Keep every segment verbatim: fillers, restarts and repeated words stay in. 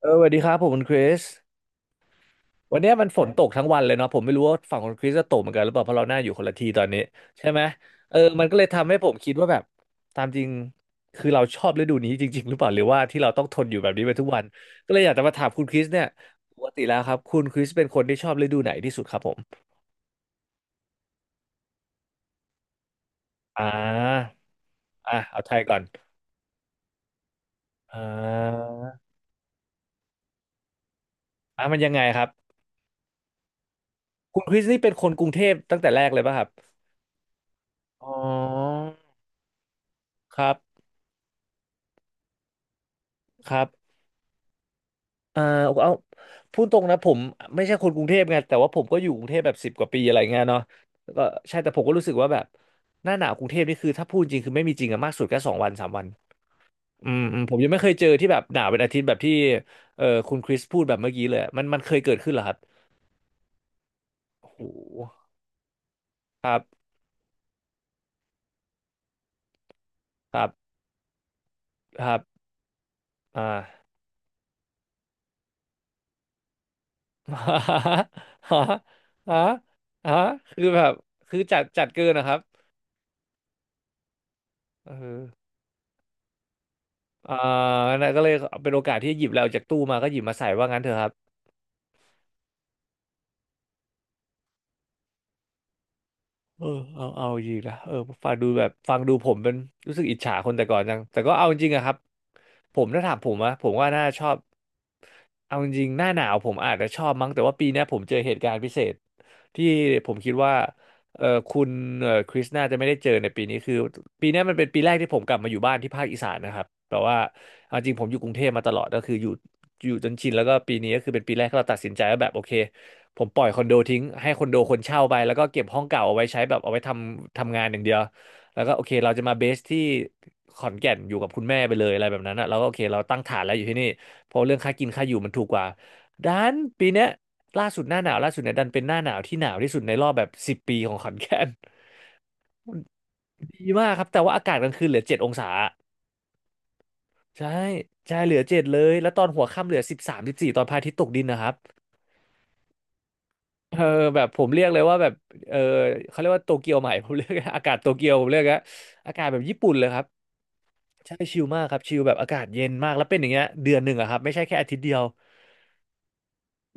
เออสวัสดีครับผมคุณคริสวันเนี้ยมันฝนบตกทั้งวันเลยเนาะผมไม่รู้ว่าฝั่งคุณคริสจะตกเหมือนกันหรือเปล่าเพราะเราหน้าอยู่คนละที่ตอนนี้ใช่ไหมเออมันก็เลยทำให้ผมคิดว่าแบบตามจริงคือเราชอบฤดูนี้จริงๆหรือเปล่าหรือว่าที่เราต้องทนอยู่แบบนี้ไปทุกวันก็เลยอยากจะมาถามคุณคริสเนี่ยปกติแล้วครับคุณคริสเป็นคนที่ชอบฤดูไหนที่สุดครับผมอ่าอ่ะเอาไทยก่อนอ่าอ่ะมันยังไงครับคุณคริสนี่เป็นคนกรุงเทพตั้งแต่แรกเลยป่ะครับอ๋อครับครับ อ่าเอาพูดตรงนะผมไม่ใช่คนกรุงเทพไงแต่ว่าผมก็อยู่กรุงเทพแบบสิบกว่าปีอะไรเงี้ยเนาะแล้วก็ใช่แต่ผมก็รู้สึกว่าแบบหน้าหนาวกรุงเทพนี่คือถ้าพูดจริงคือไม่มีจริงอะมากสุดแค่สองวันสามวันอืมอืมผมยังไม่เคยเจอที่แบบหนาวเป็นอาทิตย์แบบที่เออคุณคริสพูดแบบเมื่อกี้เลยอะมันมันเคยเกิดขึ้นเหรอครับโอ้โหครับครับครับ อ่า ฮะฮะฮะคือแบบคือจัดจัดเกินนะครับเออ อ่านั่นก็เลยเป็นโอกาสที่หยิบแล้วจากตู้มาก็หยิบมาใส่ว่างั้นเถอะครับ เออเอาเอาจริงนะเออฟังดูแบบฟังดูผมเป็นรู้สึกอิจฉาคนแต่ก่อนจังแต่ก็เอาจริงอะครับผมถ้าถามผมอะผมว่าน่าชอบเอาจริงหน้าหนาวผมอาจจะชอบมั้งแต่ว่าปีเนี้ยผมเจอเหตุการณ์พิเศษที่ผมคิดว่าเออคุณเออคริสน่าจะไม่ได้เจอในปีนี้คือปีเนี้ยมันเป็นปีแรกที่ผมกลับมาอยู่บ้านที่ภาคอีสานนะครับแต่ว่าเอาจริงผมอยู่กรุงเทพมาตลอดก็คืออยู่อยู่จนชินแล้วก็ปีนี้ก็คือเป็นปีแรกที่เราตัดสินใจว่าแบบโอเค ผมปล่อยคอนโดทิ้งให้คอนโดคนเช่าไปแล้วก็เก็บห้องเก่าเอาไว้ใช้แบบเอาไว้ทำทำงานอย่างเดียวแล้วก็โอเคเราจะมาเบสที่ขอนแก่นอยู่กับคุณแม่ไปเลยอะไรแบบนั้นนะแล้วก็โอเคเราตั้งฐานแล้วอยู่ที่นี่เพราะเรื่องค่ากินค่าอยู่มันถูกกว่าดันปีเนี้ยล่าสุดหน้าหนาวล่าสุดเนี่ยดันเป็นหน้าหนาวที่หนาวที่สุดในรอบแบบสิบปีของขอนแก่นดีมากครับแต่ว่าอากาศกลางคืนเหลือเจ็ดองศาใช่ใช่เหลือเจ็ดเลยแล้วตอนหัวค่ำเหลือสิบสามสิบสี่ตอนพระอาทิตย์ตกดินนะครับ เออแบบผมเรียกเลยว่าแบบเออเขาเรียกว่าโตเกียวใหม่ ผมเรียกอากาศโตเกียวผมเรียกอะอากาศแบบญี่ปุ่นเลยครับใช่ชิลมากครับชิลแบบอากาศเย็นมากแล้วเป็นอย่างเงี้ยเดือนหนึ่งอะครับไม่ใช่แค่อาทิตย์เดียว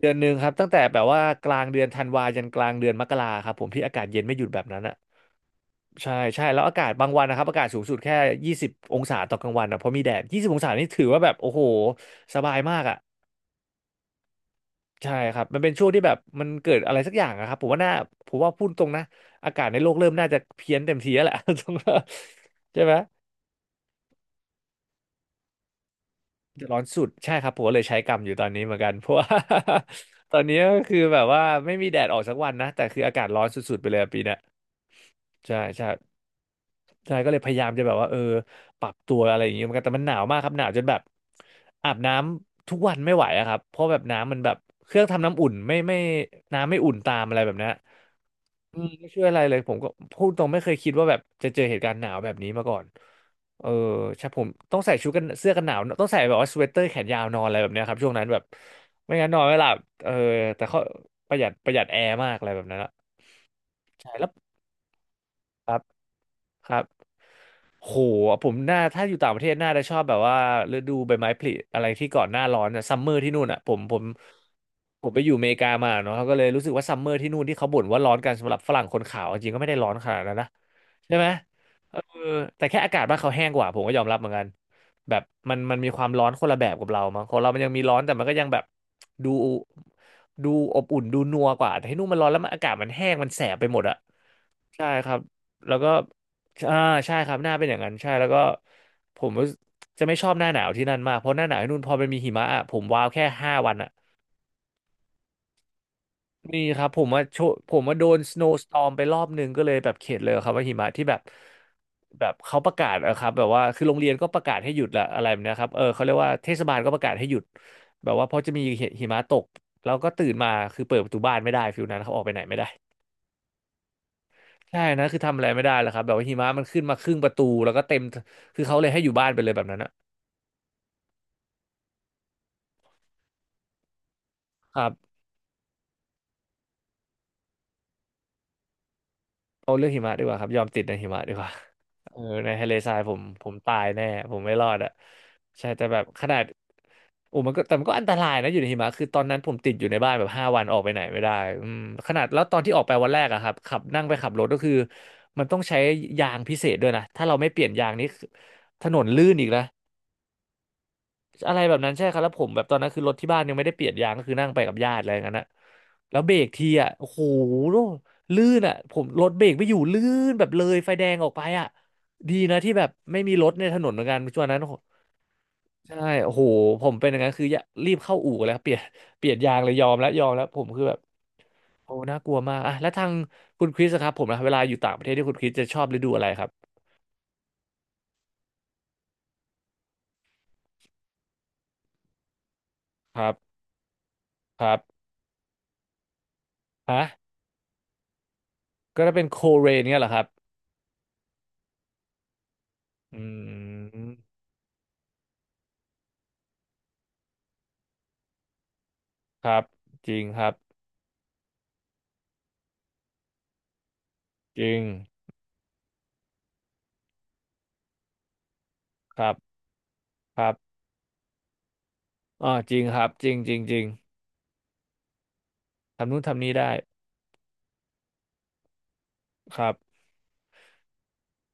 เดือนหนึ่งครับตั้งแต่แบบว่ากลางเดือนธันวายันกลางเดือนมกราครับผมที่อากาศเย็นไม่หยุดแบบนั้นอะใช่ใช่แล้วอากาศบางวันนะครับอากาศสูงสุดแค่ยี่สิบองศาต่อกลางวันนะเพราะมีแดดยี่สิบองศานี่ถือว่าแบบโอ้โหสบายมากอะ ใช่ครับมันเป็นช่วงที่แบบมันเกิดอะไรสักอย่างอะครับผมว่าน่าผมว่าพูดตรงนะอากาศในโลกเริ่มน่าจะเพี้ยนเต็มทีแล้วแหละ ตรงนั้นใช่ไหมจะร้อนสุดใช่ครับผมก็เลยใช้กรรมอยู่ตอนนี้เหมือนกันเพราะว่า ตอนนี้ก็คือแบบว่าไม่มีแดดออกสักวันนะแต่คืออากาศร้อนสุดๆไปเลยอะปีเนี้ยใช่ใช่ ใช่ก็เลยพยายามจะแบบว่าเออปรับตัวอะไรอย่างเงี้ยเหมือนกันแต่มันหนาวมากครับหนาวจนแบบอาบน้ำทุกวันไม่ไหวอะครับเพราะแบบน้ำมันแบบเครื่องทำน้ำอุ่นไม่ไม่น้ำไม่อุ่นตามอะไรแบบเนี้ยอืมไม่ช่วยอะไรเลยผมก็พูดตรงไม่เคยคิดว่าแบบจะเจอเหตุการณ์หนาวแบบนี้มาก่อนเออใช่ผมต้องใส่ชุดกันเสื้อกันหนาวต้องใส่แบบว่าสเวตเตอร์แขนยาวนอนอะไรแบบเนี้ยครับช่วงนั้นแบบไม่งั้นนอนไม่หลับเออแต่เขาประหยัดประหยัดแอร์มากอะไรแบบนั้นอะใช่แล้วครับครับ โหผมน่าถ้าอยู่ต่างประเทศน่าจะชอบแบบว่าฤดูใบไม้ผลิอะไรที่ก่อนหน้าร้อนอะซัมเมอร์ที่นู่นอะผมผมผมไปอยู่อเมริกามาเนาะเขาก็เลยรู้สึกว่าซัมเมอร์ที่นู่นที่เขาบ่นว่าร้อนกันสำหรับฝรั่งคนขาวจริงก็ไม่ได้ร้อนขนาดนั้นนะใช่ไหมเออแต่แค่อากาศบ้านเขาแห้งกว่าผมก็ยอมรับเหมือนกันแบบมันมันมีความร้อนคนละแบบกับเรามั้งของเรามันยังมีร้อนแต่มันก็ยังแบบดูดูอบอุ่นดูนัวกว่าแต่ที่นู่นมันร้อนแล้วมันอากาศมันแห้งมันแสบไปหมดอะใช่ครับแล้วก็ อ่าใช่ครับหน้าเป็นอย่างนั้นใช่แล้วก็ผมรู้สึกจะไม่ชอบหน้าหนาวที่นั่นมากเพราะหน้าหนาวที่นู่นพอมันมีหิมะอะผมว้าวแค่ห้าวันอะมีครับผมว่าโชผมว่าโดน snowstorm ไปรอบหนึ่งก็เลยแบบเข็ดเลยครับว่าหิมะที่แบบแบบเขาประกาศอะครับแบบว่าคือโรงเรียนก็ประกาศให้หยุดละอะไรแบบเนะครับเออเขาเรียกว่าเทศบาลก็ประกาศให้หยุดแบบว่าเพราะจะมีหิมะตกแล้วก็ตื่นมาคือเปิดประตูบ้านไม่ได้ฟิลนั้นเขาออกไปไหนไม่ได้ใช่นะคือทำอะไรไม่ได้แล้วครับแบบว่าหิมะมันขึ้นมาครึ่งประตูแล้วก็เต็มคือเขาเลยให้อยู่บ้านไปเลยแบบนั้นอะ ครับเอาเรื่องหิมะดีกว่าครับยอมติดในหิมะดีกว่า เออในทะเลทรายผมผมตายแน่ผมไม่รอดอ่ะใช่แต่แบบขนาดโอ้มันก็แต่มันก็อันตรายนะอยู่ในหิมะคือตอนนั้นผมติดอยู่ในบ้านแบบห้าวันออกไปไหนไม่ได้อืมขนาดแล้วตอนที่ออกไปวันแรกอะครับขับนั่งไปขับรถก็คือมันต้องใช้ยางพิเศษด้วยนะถ้าเราไม่เปลี่ยนยางนี่ถนนลื่นอีกนะ อะไรแบบนั้นใช่ครับแล้วผมแบบตอนนั้นคือรถที่บ้านยังไม่ได้เปลี่ยนยางก็คือนั่งไปกับญาติอะไรอย่างนั้นนะแล้วเบรกทีอ่ะโอ้โหลื่นอ่ะผมรถเบรกไม่อยู่ลื่นแบบเลยไฟแดงออกไปอ่ะดีนะที่แบบไม่มีรถในถนนเหมือนกันช่วงนั้นใช่โอ้โหผมเป็นอย่างนั้นคือยะรีบเข้าอู่แล้วเปลี่ยนเปลี่ยนยางเลยยอมแล้วยอมแล้วผมคือแบบโอ้น่ากลัวมากอ่ะแล้วทางคุณคริสอะครับผมนะเวลาอยู่ต่างประเทศที่คุณคริสจะชอบฤดูอะไรครับครับครับฮะก็จะเป็นโคเรนเนี่ยเหรอครับอืม ครับจริงครับจริงครับครับอ๋อจริงครับจริงจริงจริงทำนู่นทำนี่ได้ครับ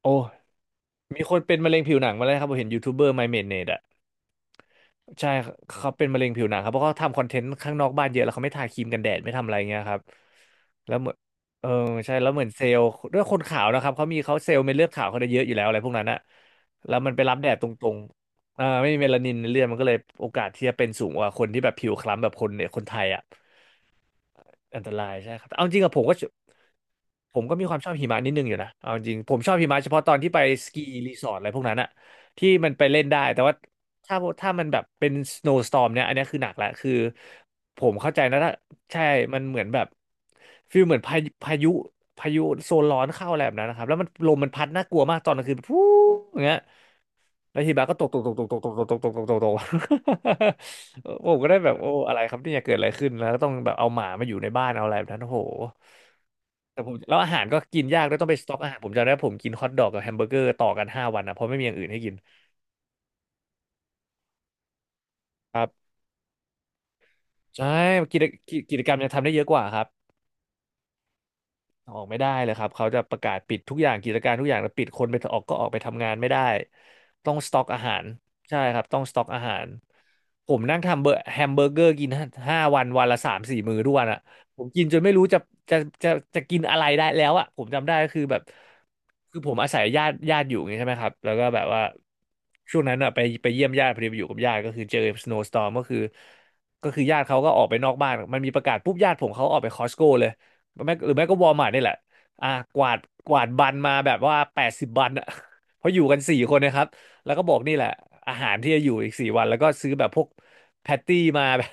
โอ้มีคนเป็นมะเร็งผิวหนังมาแล้วครับผมเห็นยูทูบเบอร์ไมเมนเนตอ่ะใช่เขาเป็นมะเร็งผิวหนังครับเพราะเขาทำคอนเทนต์ข้างนอกบ้านเยอะแล้วเขาไม่ทาครีมกันแดดไม่ทำอะไรเงี้ยครับแล้วเหมือนเออใช่แล้วเหมือนเซลล์ด้วยคนขาวนะครับเขามีเขาเซลล์เม็ดเลือดขาวเขาได้เยอะอยู่แล้วอะไรพวกนั้นอะแล้วมันไปรับแดดตรงๆอ่าไม่มีเมลานินในเลือดมันก็เลยโอกาสที่จะเป็นสูงกว่าคนที่แบบผิวคล้ำแบบคนเนี่ยคนไทยอะ อันตรายใช่ครับแต่เอาจริงกับผมก็ผมก็มีความชอบหิมะนิดนึงอยู่นะเอาจริงผมชอบหิมะเฉพาะตอนที่ไปสกีรีสอร์ทอะไรพวกนั้นอะที่มันไปเล่นได้แต่ว่าถ้าถ้ามันแบบเป็นสโนว์สตอร์มเนี่ยอันเนี้ยคือหนักแล้วคือผมเข้าใจนะถ้าใช่มันเหมือนแบบฟีลเหมือนพายุพายุพายุโซนร้อนเข้าอะไรแบบนั้นนะครับแล้วมันลมมันพัดน่ากลัวมากตอนกลางคืนฟูอย่างเงี้ย แล้วทีบาก็ตกตกตกตกตกตกตกตกตกตกตกตก ผมก็ได้แบบโอ้อะไรครับเนี่ยเกิดอะไรขึ้นแล้วก็ต้องแบบเอาหมามาอยู่ในบ้านเอาอะไรแบบนั้นโอ้โหแต่ผมแล้วอาหารก็กินยากด้วยต้องไปสต็อกอาหารผมจำได้ผมกินฮอทดอกกับแฮมเบอร์เกอร์ต่อกันห้าวันนะเพราะไม่มีอย่างอื่นให้กินครับใช่กิจกิจกิจกรรมยังทำได้เยอะกว่าครับ ออกไม่ได้เลยครับเขาจะประกาศปิดทุกอย่างกิจการทุกอย่างแล้วปิดคนไปออกก็ออกไปทำงานไม่ได้ต้องสต็อกอาหารใช่ครับต้องสต็อกอาหารผมนั่งทำเบอร์แฮมเบอร์เกอร์กินห้าวันวันละสามสี่มื้อทุกวันอ่ะผมกินจนไม่รู้จะจะจะจะกินอะไรได้แล้วอ่ะผมจำได้ก็คือแบบคือผมอาศัยญาติญาติอยู่ไงใช่ไหมครับแล้วก็แบบว่าช่วงนั้นอ่ะไปไปเยี่ยมญาติพอดีไปอยู่กับญาติก็คือเจอสโนว์สตอร์มก็คือก็คือญาติเขาก็ออกไปนอกบ้านมันมีประกาศปุ๊บญาติผมเขาออกไปคอสโก้เลย แม่หรือแม่ก็วอลมาร์ทนี่แหละอ่ากวาดกวาดบันมาแบบว่าแปดสิบบันอะ เพราะอยู่กันสี่คนนะครับแล้วก็บอกนี่แหละอาหารที่จะอยู่อีกสี่วันแล้วก็ซื้อแบบพวกแพตตี้มา แบบ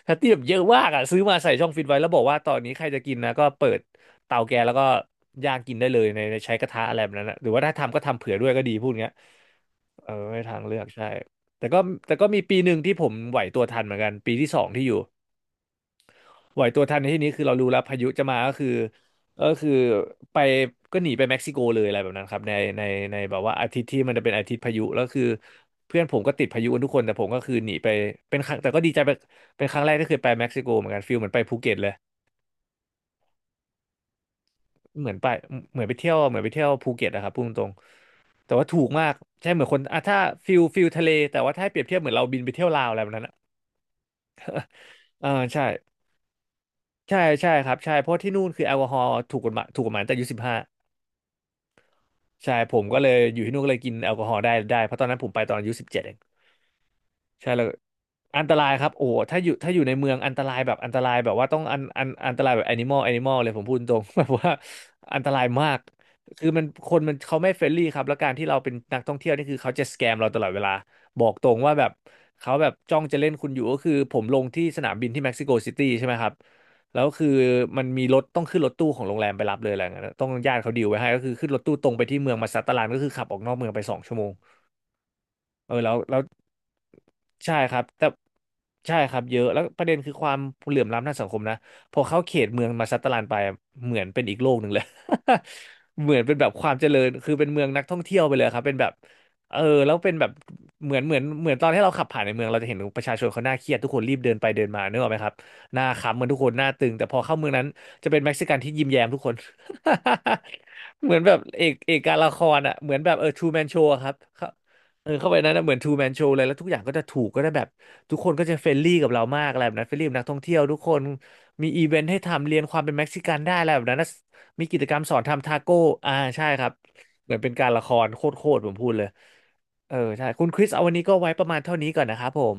แพตตี้แบบเยอะมากอ่ะซื้อมาใส่ช่องฟิตไว้แล้วบอกว่าตอนนี้ใครจะกินนะก็เปิดเตาแก๊สแล้วก็ย่างกินได้เลยในในใช้กระทะอะไรแบบนั้นนะหรือว่าถ้าทำก็ทำเผื่อด้วยก็ดีพูดเงี้ยเออไม่ทางเลือกใช่แต่ก็แต่ก็มีปีหนึ่งที่ผมไหวตัวทันเหมือนกันปีที่สองที่อยู่ ไหวตัวทันในที่นี้คือเรารู้แล้วพายุจะมาก็คือก็คือไปก็หนีไปเม็กซิโกเลยอะไรแบบนั้นครับในในในแบบว่าอาทิตย์ที่มันจะเป็นอาทิตย์พายุแล้วคือเพื่อนผมก็ติดพายุกันทุกคนแต่ผมก็คือหนีไปเป็นครั้งแต่ก็ดีใจไปเป็นครั้งแรกที่เคยไปเม็กซิโกเหมือนกันฟิลเหมือนไปภูเก็ตเลยเหมือนไปเหมือนไปเที่ยวเหมือนไปเที่ยวภูเก็ตนะครับพูดตรงๆแต่ว่าถูกมากใช่เหมือนคนอ่ะถ้าฟิลฟิลทะเลแต่ว่าถ้าให้เปรียบเทียบเหมือนเราบินไปเที่ยวลาวอะไรแบบนั้นอ่ะอ่าใช่ใช่ใช่ครับใช่เพราะที่นู่นคือแอลกอฮอล์ถูกกฎหมายถูกกฎหมายตั้งแต่อายุสิบห้า ใช่ผมก็เลยอยู่ที่นู่นก็เลยกินแอลกอฮอล์ได้ได้เพราะตอนนั้นผมไปตอนอายุสิบเจ็ดเอง ใช่แล้วอันตรายครับโอ้โหถ้าอยู่ถ้าอยู่ในเมืองอันตรายแบบอันตรายแบบว่าต้องอันอันอันตรายแบบแอนิมอลแอนิมอลเลยผมพูดตรง แบบว่าอันตรายมากคือมันคนมันเขาไม่เฟรนลี่ครับแล้วการที่เราเป็นนักท่องเที่ยวนี่คือเขาจะสแกมเราตลอดเวลาบอกตรงว่าแบบเขาแบบจ้องจะเล่นคุณอยู่ก็คือผมลงที่สนามบินที่เม็กซิโกซิตี้ใช่ไหมครับแล้วคือมันมีรถต้องขึ้นรถตู้ของโรงแรมไปรับเลยอะไรอย่างเงี้ยต้องญาติเขาดีลไว้ให้ก็คือขึ้นรถตู้ตรงไปที่เมืองมาซัตตาลันก็คือขับออกนอกเมืองไปสองชั่วโมง เออแล้วแล้วใช่ครับแต่ใช่ครับเยอะแล้วประเด็นคือความเหลื่อมล้ำทางสังคมนะพอเข้าเขตเมืองมาซัตตาร์ลันไปเหมือนเป็นอีกโลกหนึ่งเลย เหมือนเป็นแบบความเจริญคือเป็นเมืองนักท่องเที่ยวไปเลยครับเป็นแบบเออแล้วเป็นแบบเหมือนเหมือนเหมือนตอนที่เราขับผ่านในเมืองเราจะเห็นประชาชนเขาหน้าเครียดทุกคนรีบเดินไปเดินมานึกออกไหมครับหน้าขำเหมือนทุกคนหน้าตึงแต่พอเข้าเมืองนั้นจะเป็นเม็กซิกันที่ยิ้มแย้มทุกคน เหมือนแบบเอกเอกการละครอ่ะเหมือนแบบเออทูแมนโชครับ เออเข้าไปนั้นนะเหมือนทูแมนโชว์เลยแล้วทุกอย่างก็จะถูกก็ได้แบบทุกคนก็จะเฟรนลี่กับเรามากอะไรแบบนั้นเฟรนลี่กับนักท่องเที่ยวทุกคนมีอีเวนต์ให้ทำเรียนความเป็นเม็กซิกันได้อะไรแบบนั้นนะมีกิจกรรมสอนทำทาโก้อ่าใช่ครับเหมือนเป็นการละครโคตรๆผมพูดเลยเออใช่คุณคริสเอาวันนี้ก็ไว้ประมาณเท่านี้ก่อนนะครับผม